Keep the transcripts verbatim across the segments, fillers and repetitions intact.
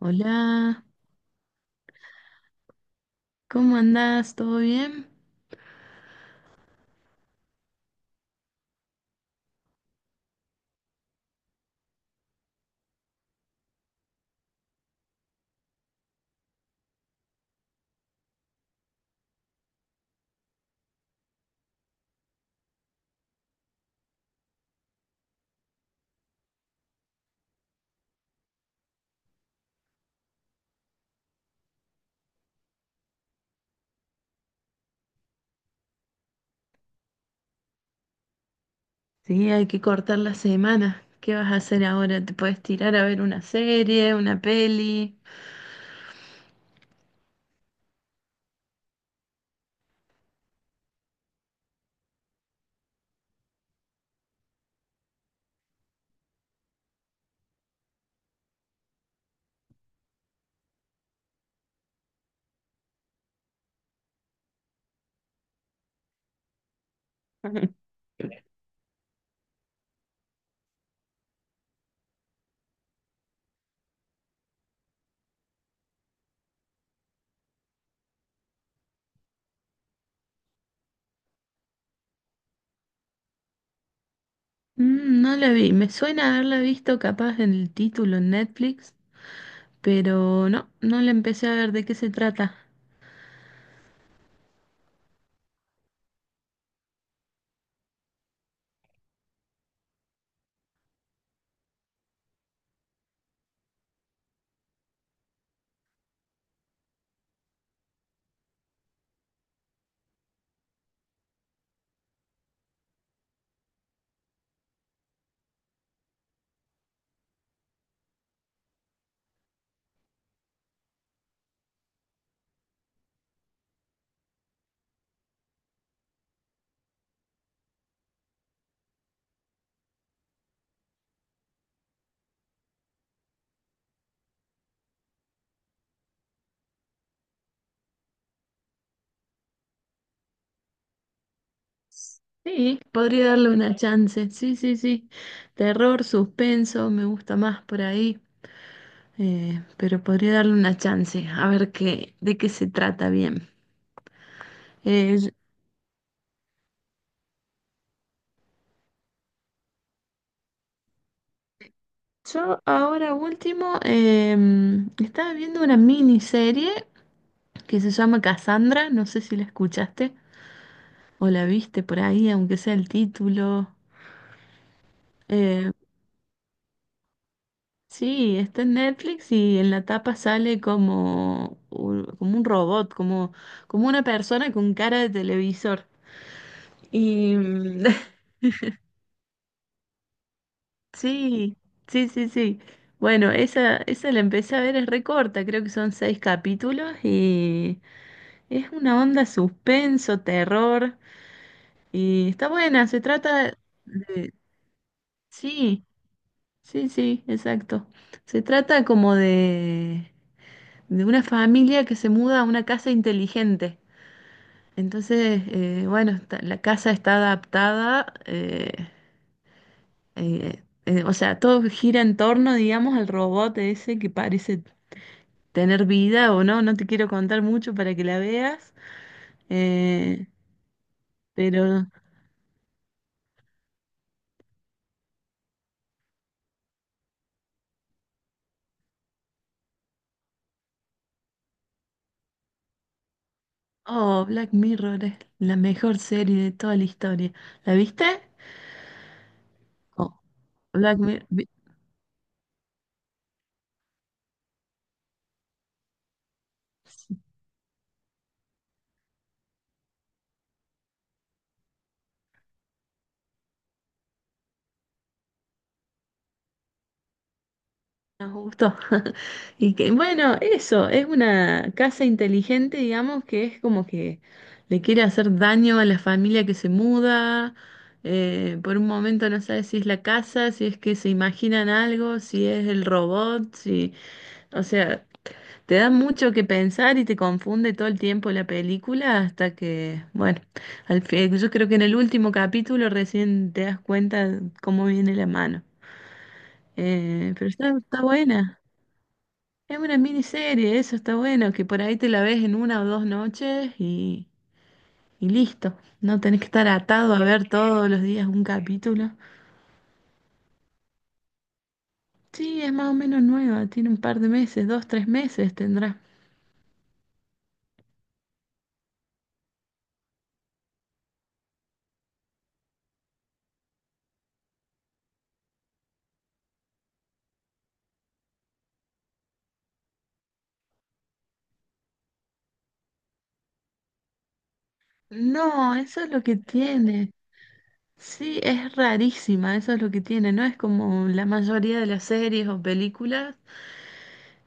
Hola, ¿cómo andás? ¿Todo bien? Sí, hay que cortar la semana. ¿Qué vas a hacer ahora? ¿Te puedes tirar a ver una serie, una peli? Mm, no la vi. Me suena haberla visto capaz en el título en Netflix, pero no, no la empecé a ver de qué se trata. Sí, podría darle una chance. Sí, sí, sí. Terror, suspenso, me gusta más por ahí. Eh, pero podría darle una chance a ver qué, de qué se trata bien. Eh, Yo ahora último em, estaba viendo una miniserie que se llama Cassandra, no sé si la escuchaste o la viste por ahí, aunque sea el título. Eh, sí, está en Netflix y en la tapa sale como, un- como un robot, como, como una persona con cara de televisor. Y mm, sí, sí, sí, sí. Bueno, esa, esa la empecé a ver, es recorta, creo que son seis capítulos. Y Es una onda suspenso, terror, y está buena, se trata de... Sí, sí, sí, exacto. Se trata como de, de una familia que se muda a una casa inteligente. Entonces, eh, bueno, está- la casa está adaptada, eh, eh, eh, o sea, todo gira en torno, digamos, al robot ese que parece tener vida o no, no te quiero contar mucho para que la veas, eh, pero... Oh, Black Mirror es la mejor serie de toda la historia. ¿La viste? Oh, Black Mirror. Nos gustó. Y que, bueno, eso, es una casa inteligente, digamos, que es como que le quiere hacer daño a la familia que se muda. eh, por un momento no sabe si es la casa, si es que se imaginan algo, si es el robot, si, o sea, te da mucho que pensar y te confunde todo el tiempo la película hasta que, bueno, al fin, yo creo que en el último capítulo recién te das cuenta cómo viene la mano. Eh, pero está, está buena. Es una miniserie, eso está bueno, que por ahí te la ves en una o dos noches y, y listo. No tenés que estar atado a ver todos los días un capítulo. Sí, es más o menos nueva, tiene un par de meses, dos, tres meses tendrá. No, eso es lo que tiene. Sí, es rarísima, eso es lo que tiene, ¿no? Es como la mayoría de las series o películas,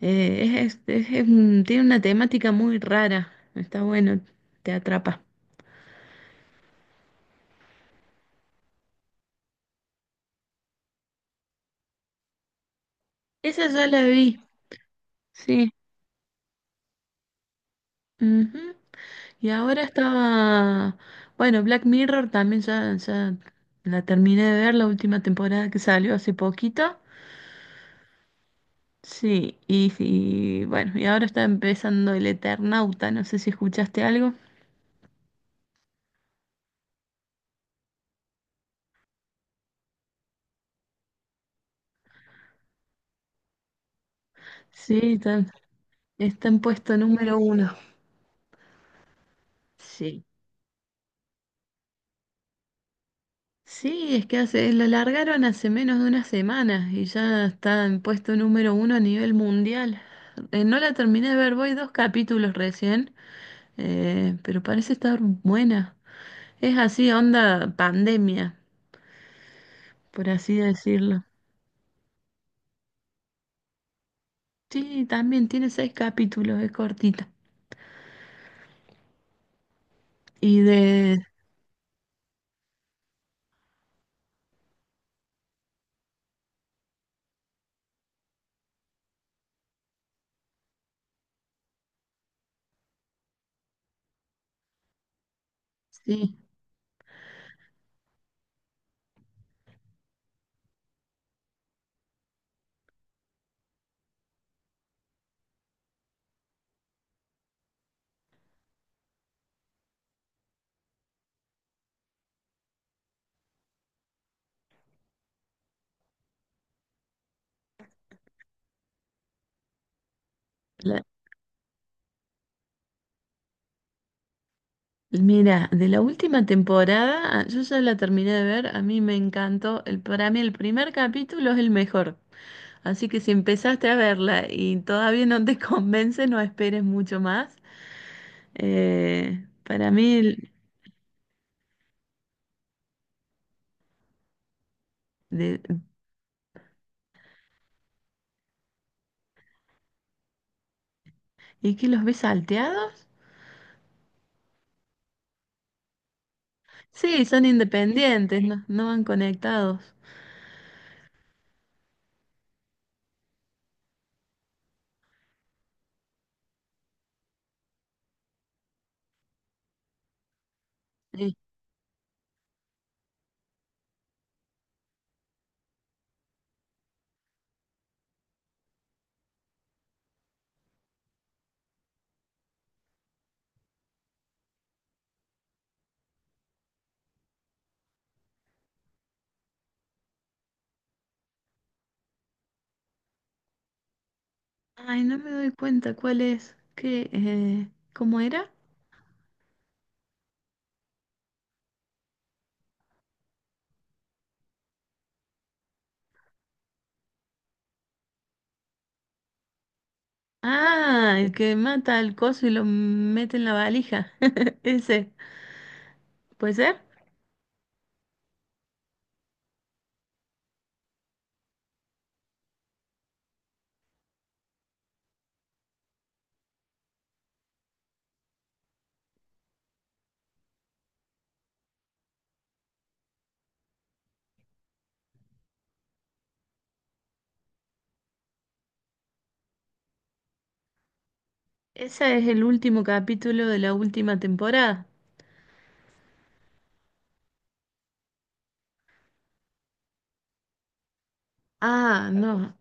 eh, es, es- es un- tiene una temática muy rara, está bueno, te atrapa. Esa ya la vi, sí. Ujú. Y ahora estaba, bueno, Black Mirror también ya, ya la terminé de ver, la última temporada que salió hace poquito. Sí, y, y bueno, y ahora está empezando El Eternauta, no sé si escuchaste algo. Sí, está- está en puesto número uno. Sí. Sí, es que hace, lo largaron hace menos de una semana y ya está en puesto número uno a nivel mundial. Eh, no la terminé de ver, voy dos capítulos recién, eh, pero parece estar buena. Es así, onda pandemia, por así decirlo. Sí, también tiene seis capítulos, es cortita. Y de... Sí, la- mira, de la última temporada, yo ya la terminé de ver, a mí me encantó. El, para mí el primer capítulo es el mejor. Así que si empezaste a verla y todavía no te convence, no esperes mucho más. Eh, para mí, el- de- ¿y que los ves salteados? Sí, son independientes, no, no van conectados. Eh, Ay, no me doy cuenta cuál es. ¿Qué, eh, cómo era? Ah, el que mata al coso y lo mete en la valija. Ese. ¿Puede ser? Ese es el último capítulo de la última temporada. Ah, no,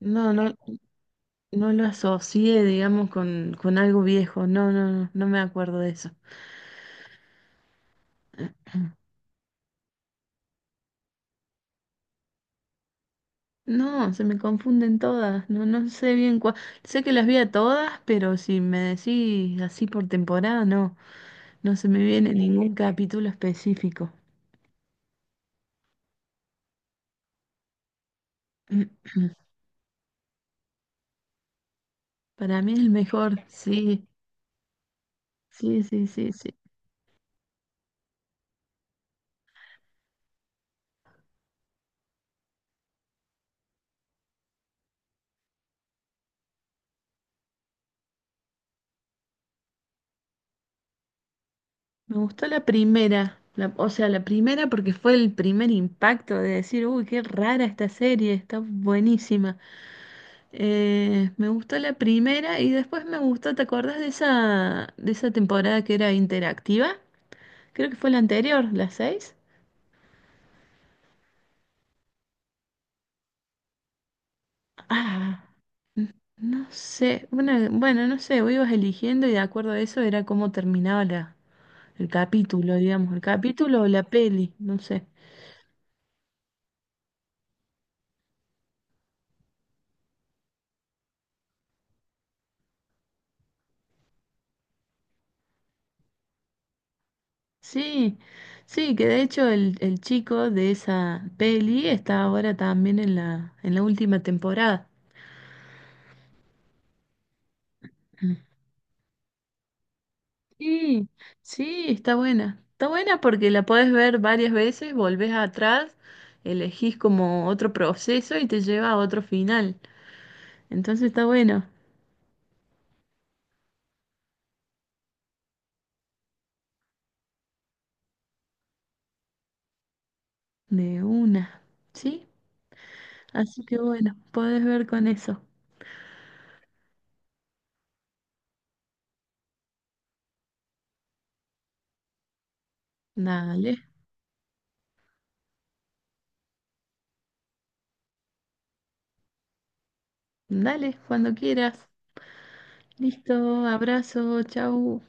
no, no, no lo asocié, digamos, con, con algo viejo. No, no, no, no me acuerdo de eso. No, se me confunden todas. No, no sé bien cuál. Sé que las vi a todas, pero si me decís así por temporada, no, no se me viene ningún capítulo específico. Para mí es el mejor. Sí, sí, sí, sí, sí. Me gustó la primera, la- o sea, la primera porque fue el primer impacto de decir, uy, qué rara esta serie, está buenísima. Eh, me gustó la primera y después me gustó, ¿te acordás de esa, de esa temporada que era interactiva? Creo que fue la anterior, la seis. Ah, n- no sé, una- bueno, no sé, vos ibas eligiendo y de acuerdo a eso era cómo terminaba la, el capítulo, digamos, el capítulo o la peli, no sé. Sí, sí, que de hecho el, el chico de esa peli está ahora también en la, en la última temporada. Mm. Sí, sí, está buena. Está buena porque la podés ver varias veces, volvés atrás, elegís como otro proceso y te lleva a otro final. Entonces está bueno, de una, ¿sí? Así que bueno, podés ver con eso. Dale, dale, cuando quieras. Listo, abrazo, chau.